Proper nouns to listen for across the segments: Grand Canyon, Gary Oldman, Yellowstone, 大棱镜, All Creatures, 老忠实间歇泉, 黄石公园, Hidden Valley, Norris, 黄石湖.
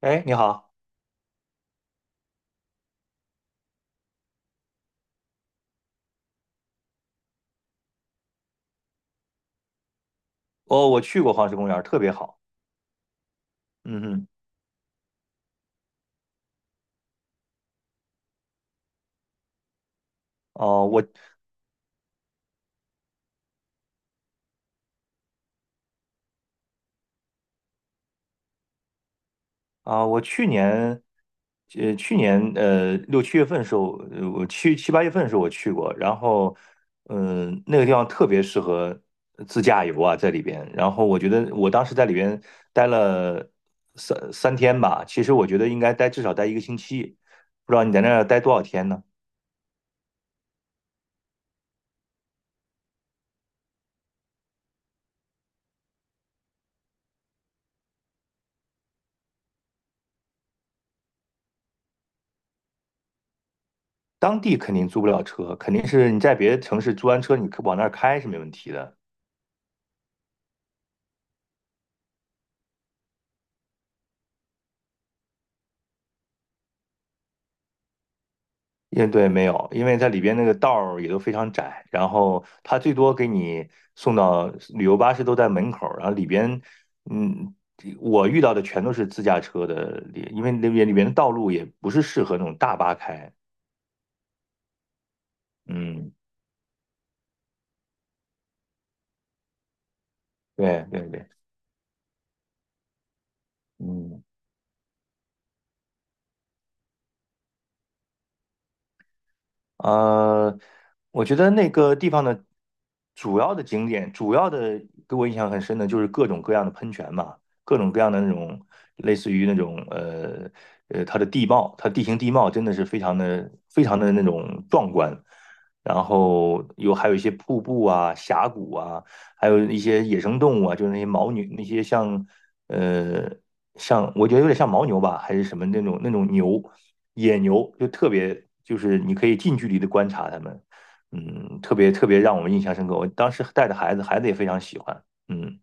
哎，你好。哦，我去过黄石公园儿，特别好。嗯哼。哦，我我去年呃，去年呃六七月份的时候，呃我去七八月份的时候我去过。然后，那个地方特别适合自驾游啊，在里边。然后我觉得我当时在里边待了三天吧，其实我觉得应该至少待一个星期。不知道你在那儿待多少天呢？当地肯定租不了车，肯定是你在别的城市租完车，你往那儿开是没问题的。也对，没有，因为它里边那个道儿也都非常窄，然后它最多给你送到旅游巴士都在门口儿，然后里边，嗯，我遇到的全都是自驾车的，因为那边里边的道路也不是适合那种大巴开。嗯，对对对，嗯。呃，我觉得那个地方的主要的给我印象很深的就是各种各样的喷泉嘛，各种各样的那种类似于那种它的地貌，它地形地貌真的是非常的非常的那种壮观。然后还有一些瀑布啊、峡谷啊，还有一些野生动物啊，就是那些牦牛，那些呃像我觉得有点像牦牛吧，还是什么那种牛。野牛就特别就是你可以近距离的观察它们，嗯，特别特别让我们印象深刻。我当时带着孩子，孩子也非常喜欢，嗯。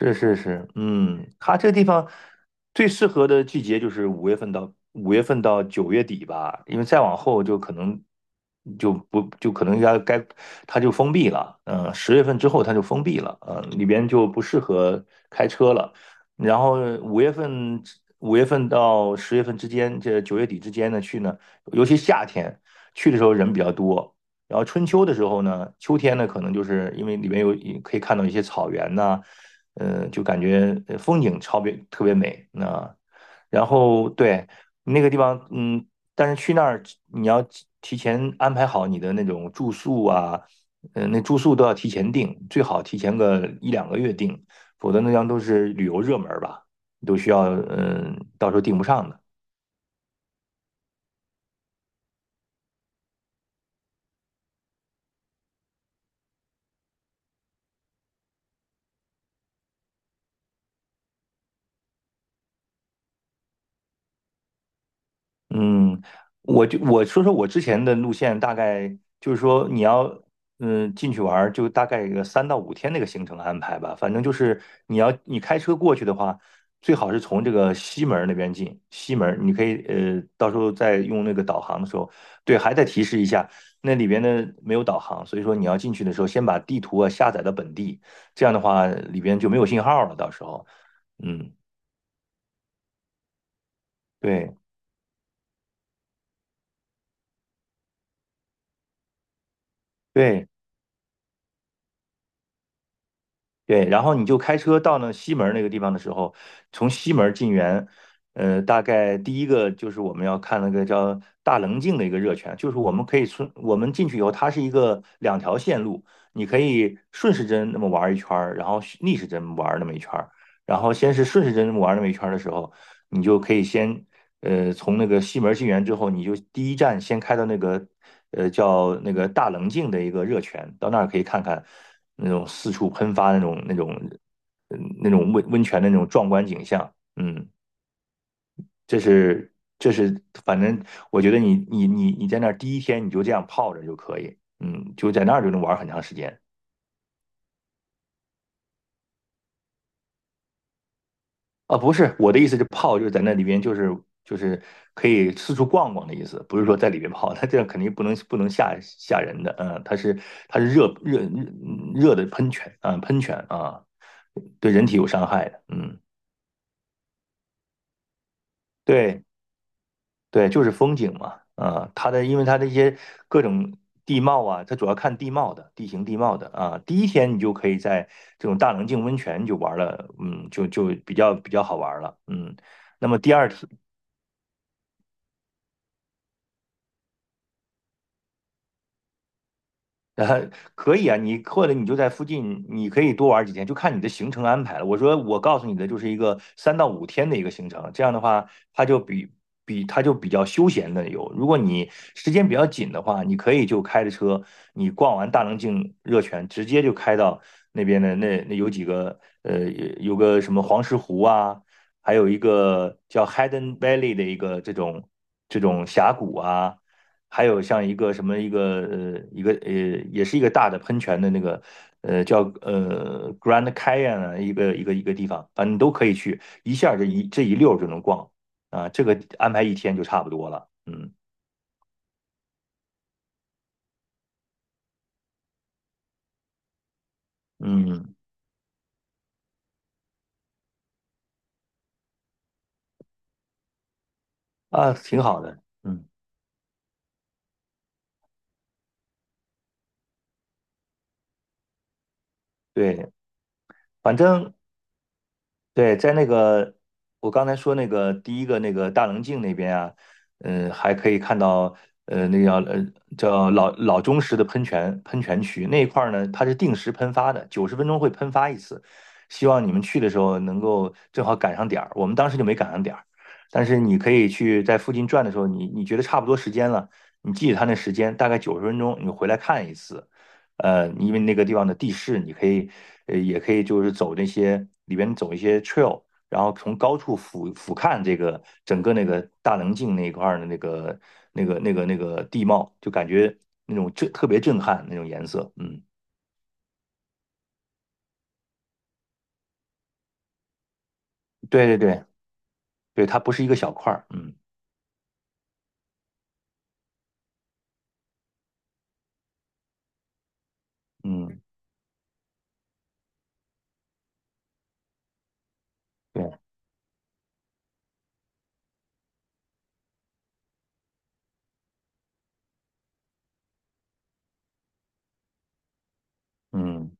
是是是，嗯，它这个地方最适合的季节就是五月份到九月底吧，因为再往后就可能就不就可能要该它就封闭了，嗯，十月份之后它就封闭了，嗯，里边就不适合开车了。然后五月份五月份到十月份之间，这九月底之间呢去呢，尤其夏天去的时候人比较多。然后春秋的时候呢，秋天呢，可能就是因为里面有可以看到一些草原呐、就感觉风景超别特别美。啊，然后对那个地方，嗯，但是去那儿你要提前安排好你的那种住宿啊，嗯，那住宿都要提前订，最好提前个一两个月订，否则那样都是旅游热门儿吧，都需要到时候订不上的。嗯，我说说我之前的路线。大概就是说你要进去玩儿，就大概一个三到五天那个行程安排吧。反正就是你开车过去的话，最好是从这个西门儿那边进。西门儿你可以到时候再用那个导航的时候，对，还得提示一下，那里边呢没有导航，所以说你要进去的时候先把地图啊下载到本地，这样的话里边就没有信号了，到时候嗯。对对，对，然后你就开车到那西门那个地方的时候，从西门进园。大概第一个就是我们要看那个叫大棱镜的一个热泉。就是我们可以我们进去以后，它是一个两条线路，你可以顺时针那么玩一圈儿，然后逆时针玩那么一圈儿，然后先是顺时针玩那么一圈儿的时候，你就可以先从那个西门进园之后，你就第一站先开到那个叫那个大棱镜的一个热泉。到那儿可以看看那种四处喷发那种温泉的那种壮观景象，嗯。这是这是反正我觉得你在那儿第一天你就这样泡着就可以，嗯，就在那儿就能玩很长时间。啊，不是，我的意思是泡就是在那里边，就是可以四处逛逛的意思，不是说在里边泡。它这样肯定不能吓人的，嗯，它是热的喷泉。啊，喷泉啊，对人体有伤害的，嗯，对对，就是风景嘛。啊，因为它的一些各种地貌啊，它主要看地貌的，地形地貌的啊。第一天你就可以在这种大棱镜温泉就玩了，嗯，就比较好玩了，嗯。那么第二天呃，可以啊，或者你就在附近，你可以多玩几天，就看你的行程安排了。我告诉你的就是一个三到五天的一个行程，这样的话，它就比较休闲的游。如果你时间比较紧的话，你可以就开着车，你逛完大棱镜热泉，直接就开到那边的那有几个有个什么黄石湖啊，还有一个叫 Hidden Valley 的一个这种峡谷啊。还有像一个什么一个呃一个呃也是一个大的喷泉的那个叫Grand Canyon 啊一个地方，反正你都可以去，一下儿这一溜儿就能逛啊，这个安排一天就差不多了。嗯嗯啊，挺好的，嗯对，反正对，在那个我刚才说那个第一个那个大棱镜那边啊，嗯，还可以看到那个叫老钟石的喷泉区那一块儿呢，它是定时喷发的，九十分钟会喷发一次。希望你们去的时候能够正好赶上点儿，我们当时就没赶上点儿，但是你可以去在附近转的时候，你觉得差不多时间了，你记着它那时间大概九十分钟，你回来看一次。因为那个地方的地势，你可以，也可以就是走那些里边走一些 trail,然后从高处俯瞰这个整个那个大棱镜那一块儿的那个地貌，就感觉那种特别震撼那种颜色，嗯，对对对对，它不是一个小块儿，嗯嗯对，嗯。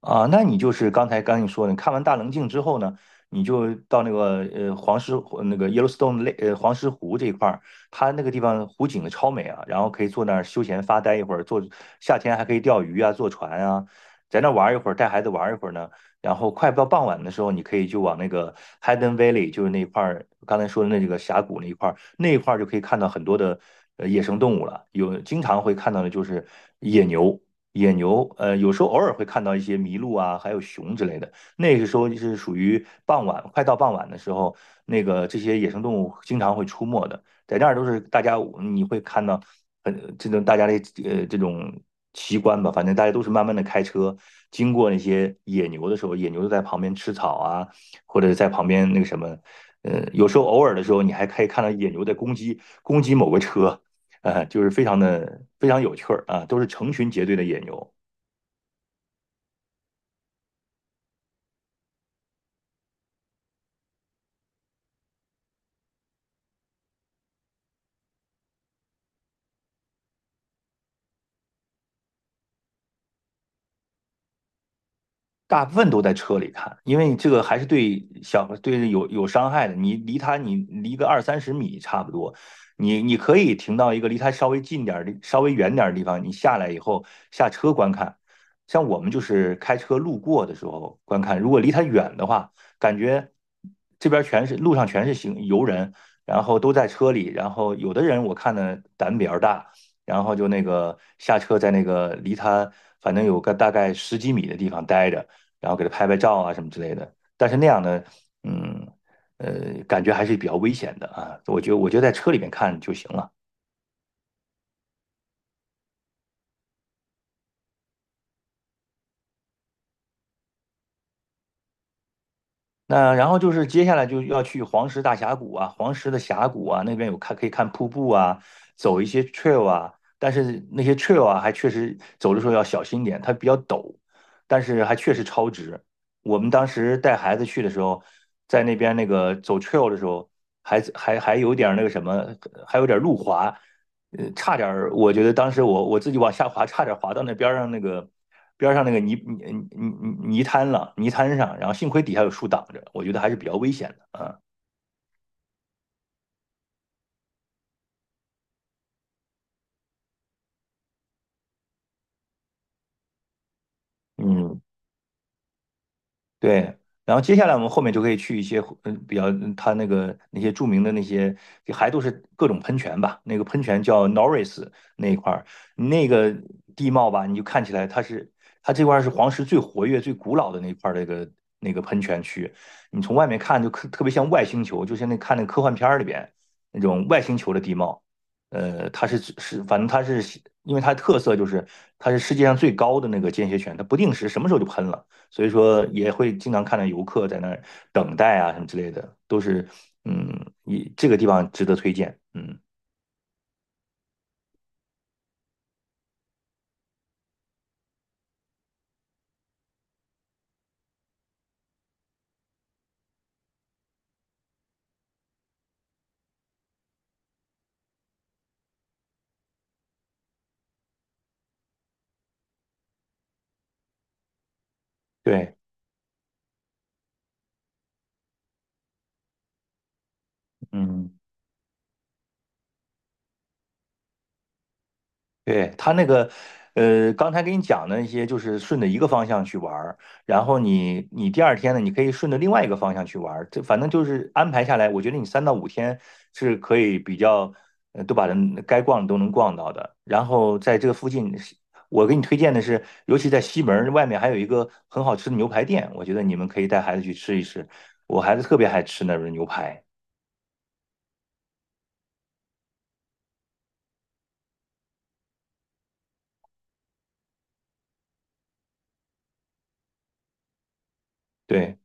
啊，那你就是刚才你说的，你看完大棱镜之后呢，你就到那个黄石湖那个 Yellowstone 黄石湖这一块儿，它那个地方湖景超美啊，然后可以坐那儿休闲发呆一会儿。夏天还可以钓鱼啊，坐船啊，在那儿玩儿一会儿，带孩子玩儿一会儿呢。然后快到傍晚的时候，你可以就往那个 Hidden Valley,就是那块儿刚才说的那几个峡谷那一块儿，那一块儿就可以看到很多的野生动物了，有经常会看到的就是野牛。野牛，有时候偶尔会看到一些麋鹿啊，还有熊之类的。那个时候就是属于傍晚，快到傍晚的时候，这些野生动物经常会出没的，在那儿都是大家你会看到很这种大家的呃这种奇观吧。反正大家都是慢慢的开车经过那些野牛的时候，野牛就在旁边吃草啊，或者在旁边那个什么，有时候偶尔的时候，你还可以看到野牛在攻击某个车，啊，就是非常的非常有趣儿啊，都是成群结队的野牛。大部分都在车里看，因为这个还是对有伤害的。你离它，你离个二三十米差不多，你可以停到一个离它稍微近点儿的、稍微远点儿的地方，你下来以后下车观看。像我们就是开车路过的时候观看，如果离它远的话，感觉这边全是路上全是行游人，然后都在车里，然后有的人我看呢胆比较大，然后就那个下车在那个离他反正有个大概十几米的地方待着。然后给他拍拍照啊什么之类的。但是那样呢，嗯，感觉还是比较危险的啊。我觉得在车里面看就行了。那然后就是接下来就要去黄石大峡谷啊，黄石的峡谷啊，那边有看可以看瀑布啊，走一些 trail 啊，但是那些 trail 啊，还确实走的时候要小心点，它比较陡，但是还确实超值。我们当时带孩子去的时候，在那边那个走 trail 的时候，还有点那个什么，还有点路滑，差点儿，我觉得当时我自己往下滑，差点滑到那边儿上那个。边上那个泥滩上，然后幸亏底下有树挡着，我觉得还是比较危险的啊。嗯，对，然后接下来我们后面就可以去一些比较它那个那些著名的那些还都是各种喷泉吧，那个喷泉叫 Norris 那一块儿，那个地貌吧，你就看起来它这块儿是黄石最活跃、最古老的那一块儿那个喷泉区，你从外面看就特别像外星球，就像那看那科幻片儿里边那种外星球的地貌，它是是反正它是因为它的特色就是它是世界上最高的那个间歇泉，它不定时什么时候就喷了。所以说也会经常看到游客在那儿等待啊什么之类的，都是嗯，一这个地方值得推荐，嗯，对，嗯。对，他那个，刚才给你讲的那些，就是顺着一个方向去玩儿，然后你第二天呢，你可以顺着另外一个方向去玩儿，这反正就是安排下来，我觉得你3到5天是可以比较，都把人该逛的都能逛到的。然后在这个附近，我给你推荐的是，尤其在西门儿外面还有一个很好吃的牛排店，我觉得你们可以带孩子去吃一吃，我孩子特别爱吃那边牛排。对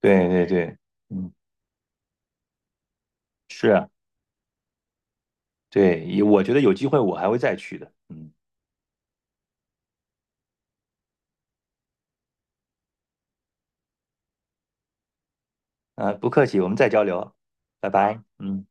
对对对，嗯。是啊对，也我觉得有机会我还会再去的。嗯，啊，不客气，我们再交流，拜拜。嗯。